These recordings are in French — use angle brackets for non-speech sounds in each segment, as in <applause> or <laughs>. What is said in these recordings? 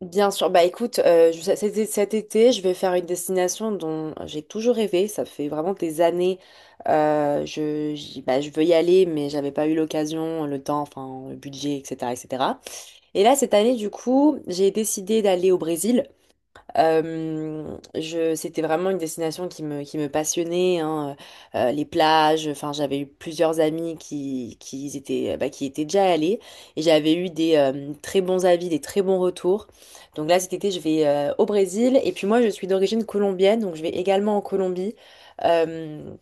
Bien sûr, bah écoute, cet été, je vais faire une destination dont j'ai toujours rêvé. Ça fait vraiment des années. Bah, je veux y aller, mais j'avais pas eu l'occasion, le temps, enfin, le budget, etc., etc. Et cetera. Et là, cette année, du coup, j'ai décidé d'aller au Brésil. C'était vraiment une destination qui me passionnait, hein. Les plages. Enfin, j'avais eu plusieurs amis qui y étaient, bah, qui y étaient déjà allés et j'avais eu des très bons avis, des très bons retours. Donc là, cet été, je vais au Brésil et puis moi, je suis d'origine colombienne, donc je vais également en Colombie. Euh,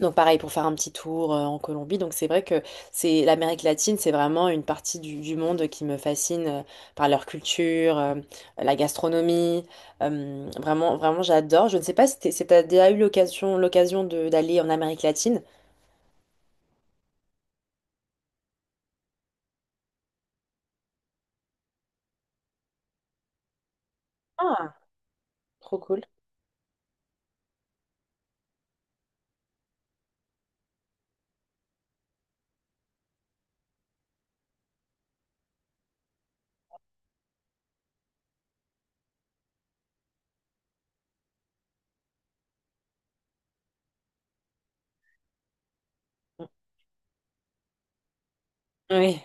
donc pareil pour faire un petit tour en Colombie. Donc c'est vrai que c'est l'Amérique latine, c'est vraiment une partie du monde qui me fascine par leur culture, la gastronomie. Vraiment, vraiment, j'adore. Je ne sais pas si t'as déjà eu l'occasion d'aller en Amérique latine. Ah, trop cool. Oui.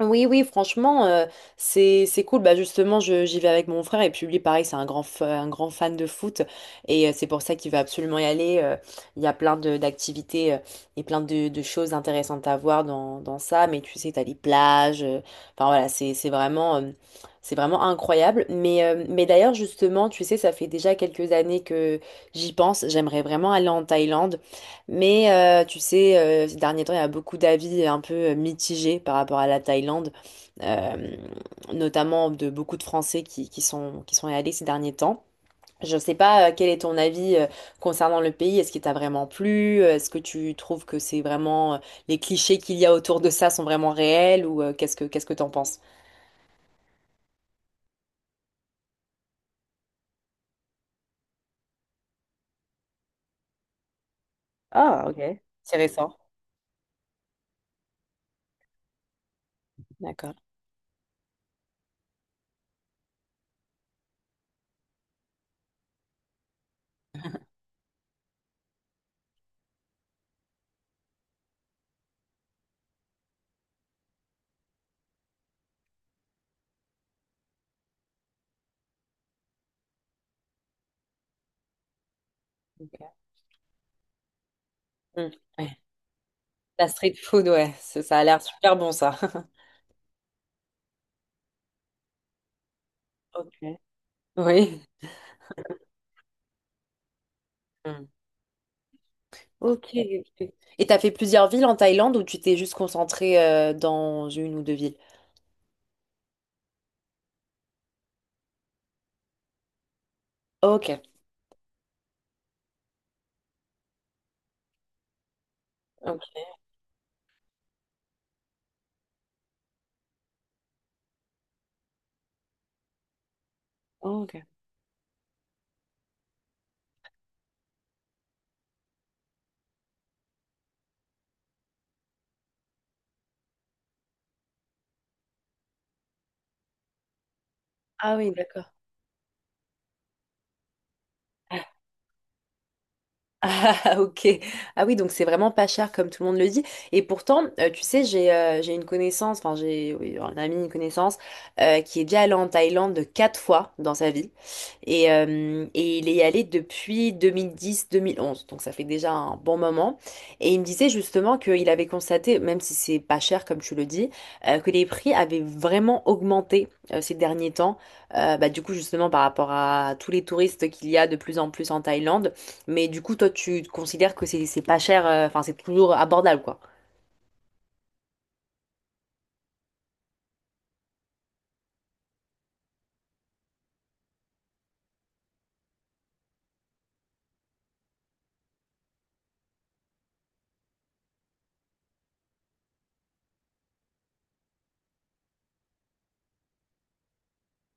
Oui, oui, franchement, c'est cool. Bah justement, j'y vais avec mon frère et puis lui, pareil, c'est un grand fan de foot et c'est pour ça qu'il veut absolument y aller. Il y a plein de d'activités et plein de choses intéressantes à voir dans ça. Mais tu sais, t'as les plages. Enfin voilà, c'est vraiment incroyable. Mais d'ailleurs, justement, tu sais, ça fait déjà quelques années que j'y pense. J'aimerais vraiment aller en Thaïlande. Mais tu sais, ces derniers temps, il y a beaucoup d'avis un peu mitigés par rapport à la Thaïlande euh, notamment de beaucoup de Français qui sont allés ces derniers temps. Je ne sais pas quel est ton avis concernant le pays. Est-ce qu'il t'a vraiment plu? Est-ce que tu trouves que c'est vraiment les clichés qu'il y a autour de ça sont vraiment réels ou qu'est-ce que t'en penses? Ah, ok. C'est récent. D'accord. Ok. Mm. Ouais. La street food, ouais, ça a l'air super bon ça. <laughs> Ok. Oui. Mm. Ok. Ok. Et t'as fait plusieurs villes en Thaïlande ou tu t'es juste concentré dans une ou deux villes? Ok. Ok. Oh, ok. Ah oui, d'accord. Ah, <laughs> ok. Ah oui, donc c'est vraiment pas cher comme tout le monde le dit. Et pourtant, tu sais, j'ai une connaissance, enfin j'ai oui, un ami, une connaissance, qui est déjà allé en Thaïlande quatre fois dans sa vie. Et il est allé depuis 2010-2011, donc ça fait déjà un bon moment. Et il me disait justement qu'il avait constaté, même si c'est pas cher comme tu le dis, que les prix avaient vraiment augmenté ces derniers temps. Bah, du coup, justement, par rapport à tous les touristes qu'il y a de plus en plus en Thaïlande. Mais du coup, toi, tu considères que c'est pas cher, enfin, c'est toujours abordable, quoi.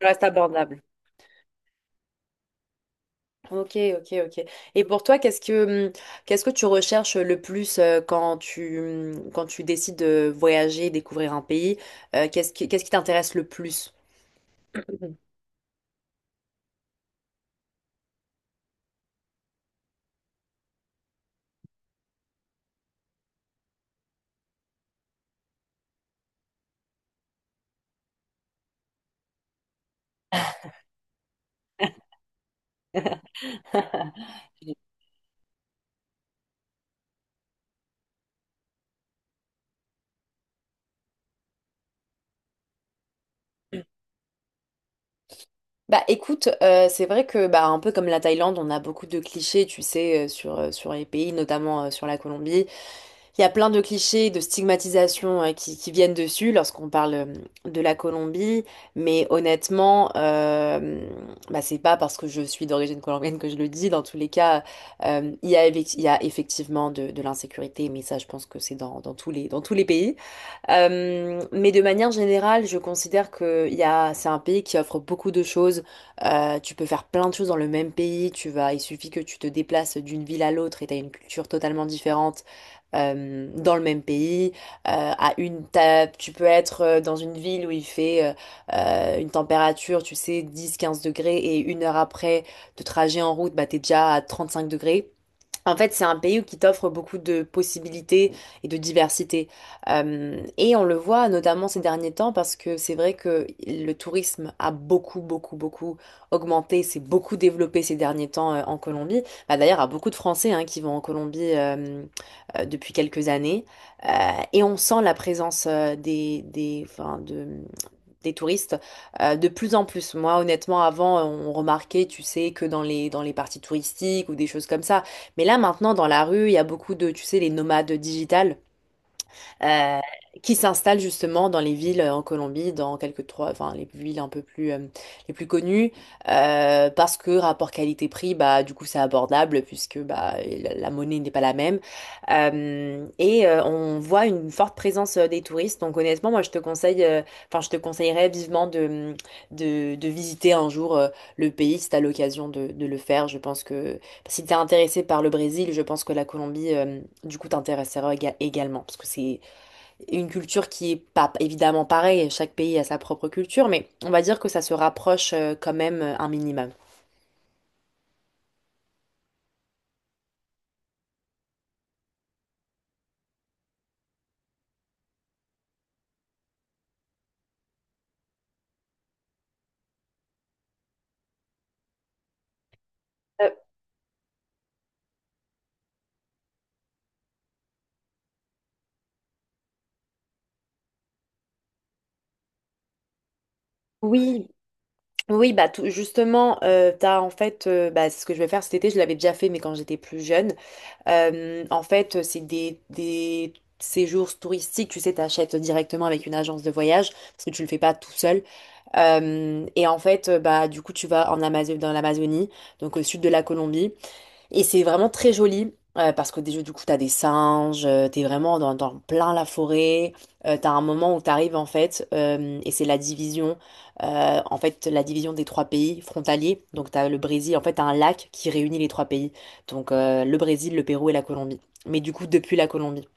Ça reste abordable. Ok, ok, ok. Et pour toi, qu'est-ce que tu recherches le plus quand tu décides de voyager, découvrir un pays? Qu'est-ce qui t'intéresse le plus? Mhm. Bah écoute, c'est vrai que bah un peu comme la Thaïlande, on a beaucoup de clichés, tu sais, sur les pays, notamment sur la Colombie. Il y a plein de clichés, de stigmatisation qui viennent dessus lorsqu'on parle de la Colombie, mais honnêtement, bah, c'est pas parce que je suis d'origine colombienne que je le dis. Dans tous les cas, il y a effectivement de l'insécurité, mais ça, je pense que c'est dans tous les pays. Mais de manière générale, je considère que c'est un pays qui offre beaucoup de choses. Tu peux faire plein de choses dans le même pays. Il suffit que tu te déplaces d'une ville à l'autre et tu as une culture totalement différente dans le même pays, tu peux être dans une ville où il fait une température, tu sais, 10 15 degrés et une heure après de trajet en route, bah t'es déjà à 35 degrés. En fait, c'est un pays qui t'offre beaucoup de possibilités et de diversité. Et on le voit notamment ces derniers temps parce que c'est vrai que le tourisme a beaucoup, beaucoup, beaucoup augmenté, s'est beaucoup développé ces derniers temps en Colombie. Bah, d'ailleurs, il y a beaucoup de Français hein, qui vont en Colombie depuis quelques années. Euh, et on sent la présence des touristes de plus en plus. Moi, honnêtement, avant, on remarquait, tu sais, que dans les parties touristiques ou des choses comme ça. Mais là, maintenant, dans la rue, il y a beaucoup de, tu sais, les nomades digitales euh, qui s'installent justement dans les villes en Colombie, dans quelques trois, enfin les villes un peu plus les plus connues, parce que rapport qualité-prix, bah du coup c'est abordable puisque bah la monnaie n'est pas la même. On voit une forte présence des touristes. Donc honnêtement, moi je te conseille, je te conseillerais vivement de visiter un jour le pays si t'as l'occasion de le faire. Je pense que si t'es intéressé par le Brésil, je pense que la Colombie, du coup, t'intéressera également parce que c'est une culture qui est pas évidemment pareille, chaque pays a sa propre culture, mais on va dire que ça se rapproche quand même un minimum. Euh, oui, oui, bah justement, t'as en fait, bah, c'est ce que je vais faire cet été, je l'avais déjà fait, mais quand j'étais plus jeune. En fait, c'est des séjours touristiques, tu sais, t'achètes directement avec une agence de voyage, parce que tu le fais pas tout seul. Et en fait, bah du coup, tu vas dans l'Amazonie, donc au sud de la Colombie. Et c'est vraiment très joli. Parce que déjà, du coup, t'as des singes, t'es vraiment dans plein la forêt, t'as un moment où t'arrives en fait, et c'est la division, la division des trois pays frontaliers. Donc t'as le Brésil, en fait, t'as un lac qui réunit les trois pays. Donc le Brésil, le Pérou et la Colombie. Mais du coup, depuis la Colombie.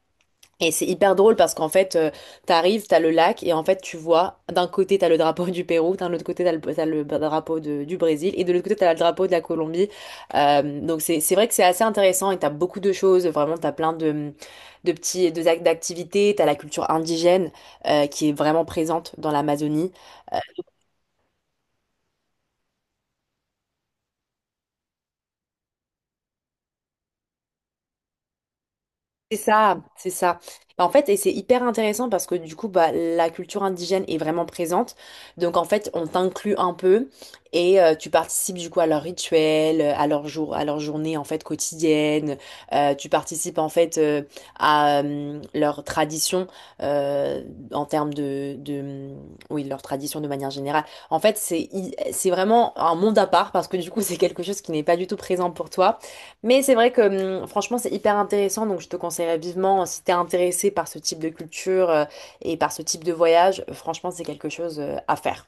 Et c'est hyper drôle parce qu'en fait, t'arrives, t'as le lac et en fait, tu vois, d'un côté, t'as le drapeau du Pérou, d'un autre côté, t'as le drapeau du Brésil et de l'autre côté, t'as le drapeau de la Colombie. Donc, c'est vrai que c'est assez intéressant et t'as beaucoup de choses. Vraiment, t'as plein de petits, de, ac- d'activités. T'as la culture indigène, qui est vraiment présente dans l'Amazonie. C'est ça, c'est ça. Bah, en fait, et c'est hyper intéressant parce que du coup, bah, la culture indigène est vraiment présente. Donc, en fait, on t'inclut un peu et tu participes du coup à leurs rituels, à leur jour, à leur journée en fait quotidienne. Tu participes en fait à leur tradition euh, en termes hum, oui, leur tradition de manière générale. En fait, c'est vraiment un monde à part parce que du coup, <laughs> c'est quelque chose qui n'est pas du tout présent pour toi. Mais c'est vrai que franchement, c'est hyper intéressant, donc je te conseillerais vivement, si t'es intéressé par ce type de culture et par ce type de voyage, franchement, c'est quelque chose à faire.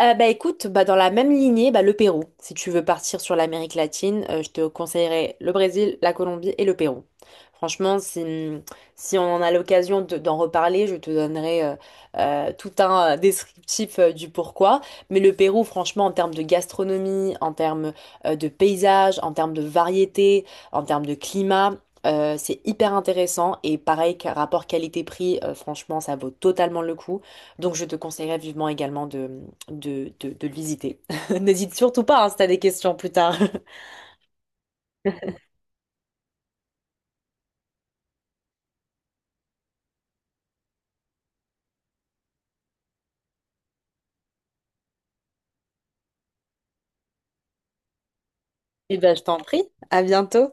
Bah écoute, bah dans la même lignée, bah le Pérou. Si tu veux partir sur l'Amérique latine, je te conseillerais le Brésil, la Colombie et le Pérou. Franchement, si on en a l'occasion d'en reparler, je te donnerai tout un descriptif du pourquoi. Mais le Pérou, franchement, en termes de gastronomie, en termes de paysage, en termes de variété, en termes de climat, c'est hyper intéressant. Et pareil, qu'un rapport qualité-prix, franchement, ça vaut totalement le coup. Donc, je te conseillerais vivement également de le visiter. <laughs> N'hésite surtout pas, hein, si tu as des questions plus tard. <laughs> Et ben, je t'en prie. À bientôt.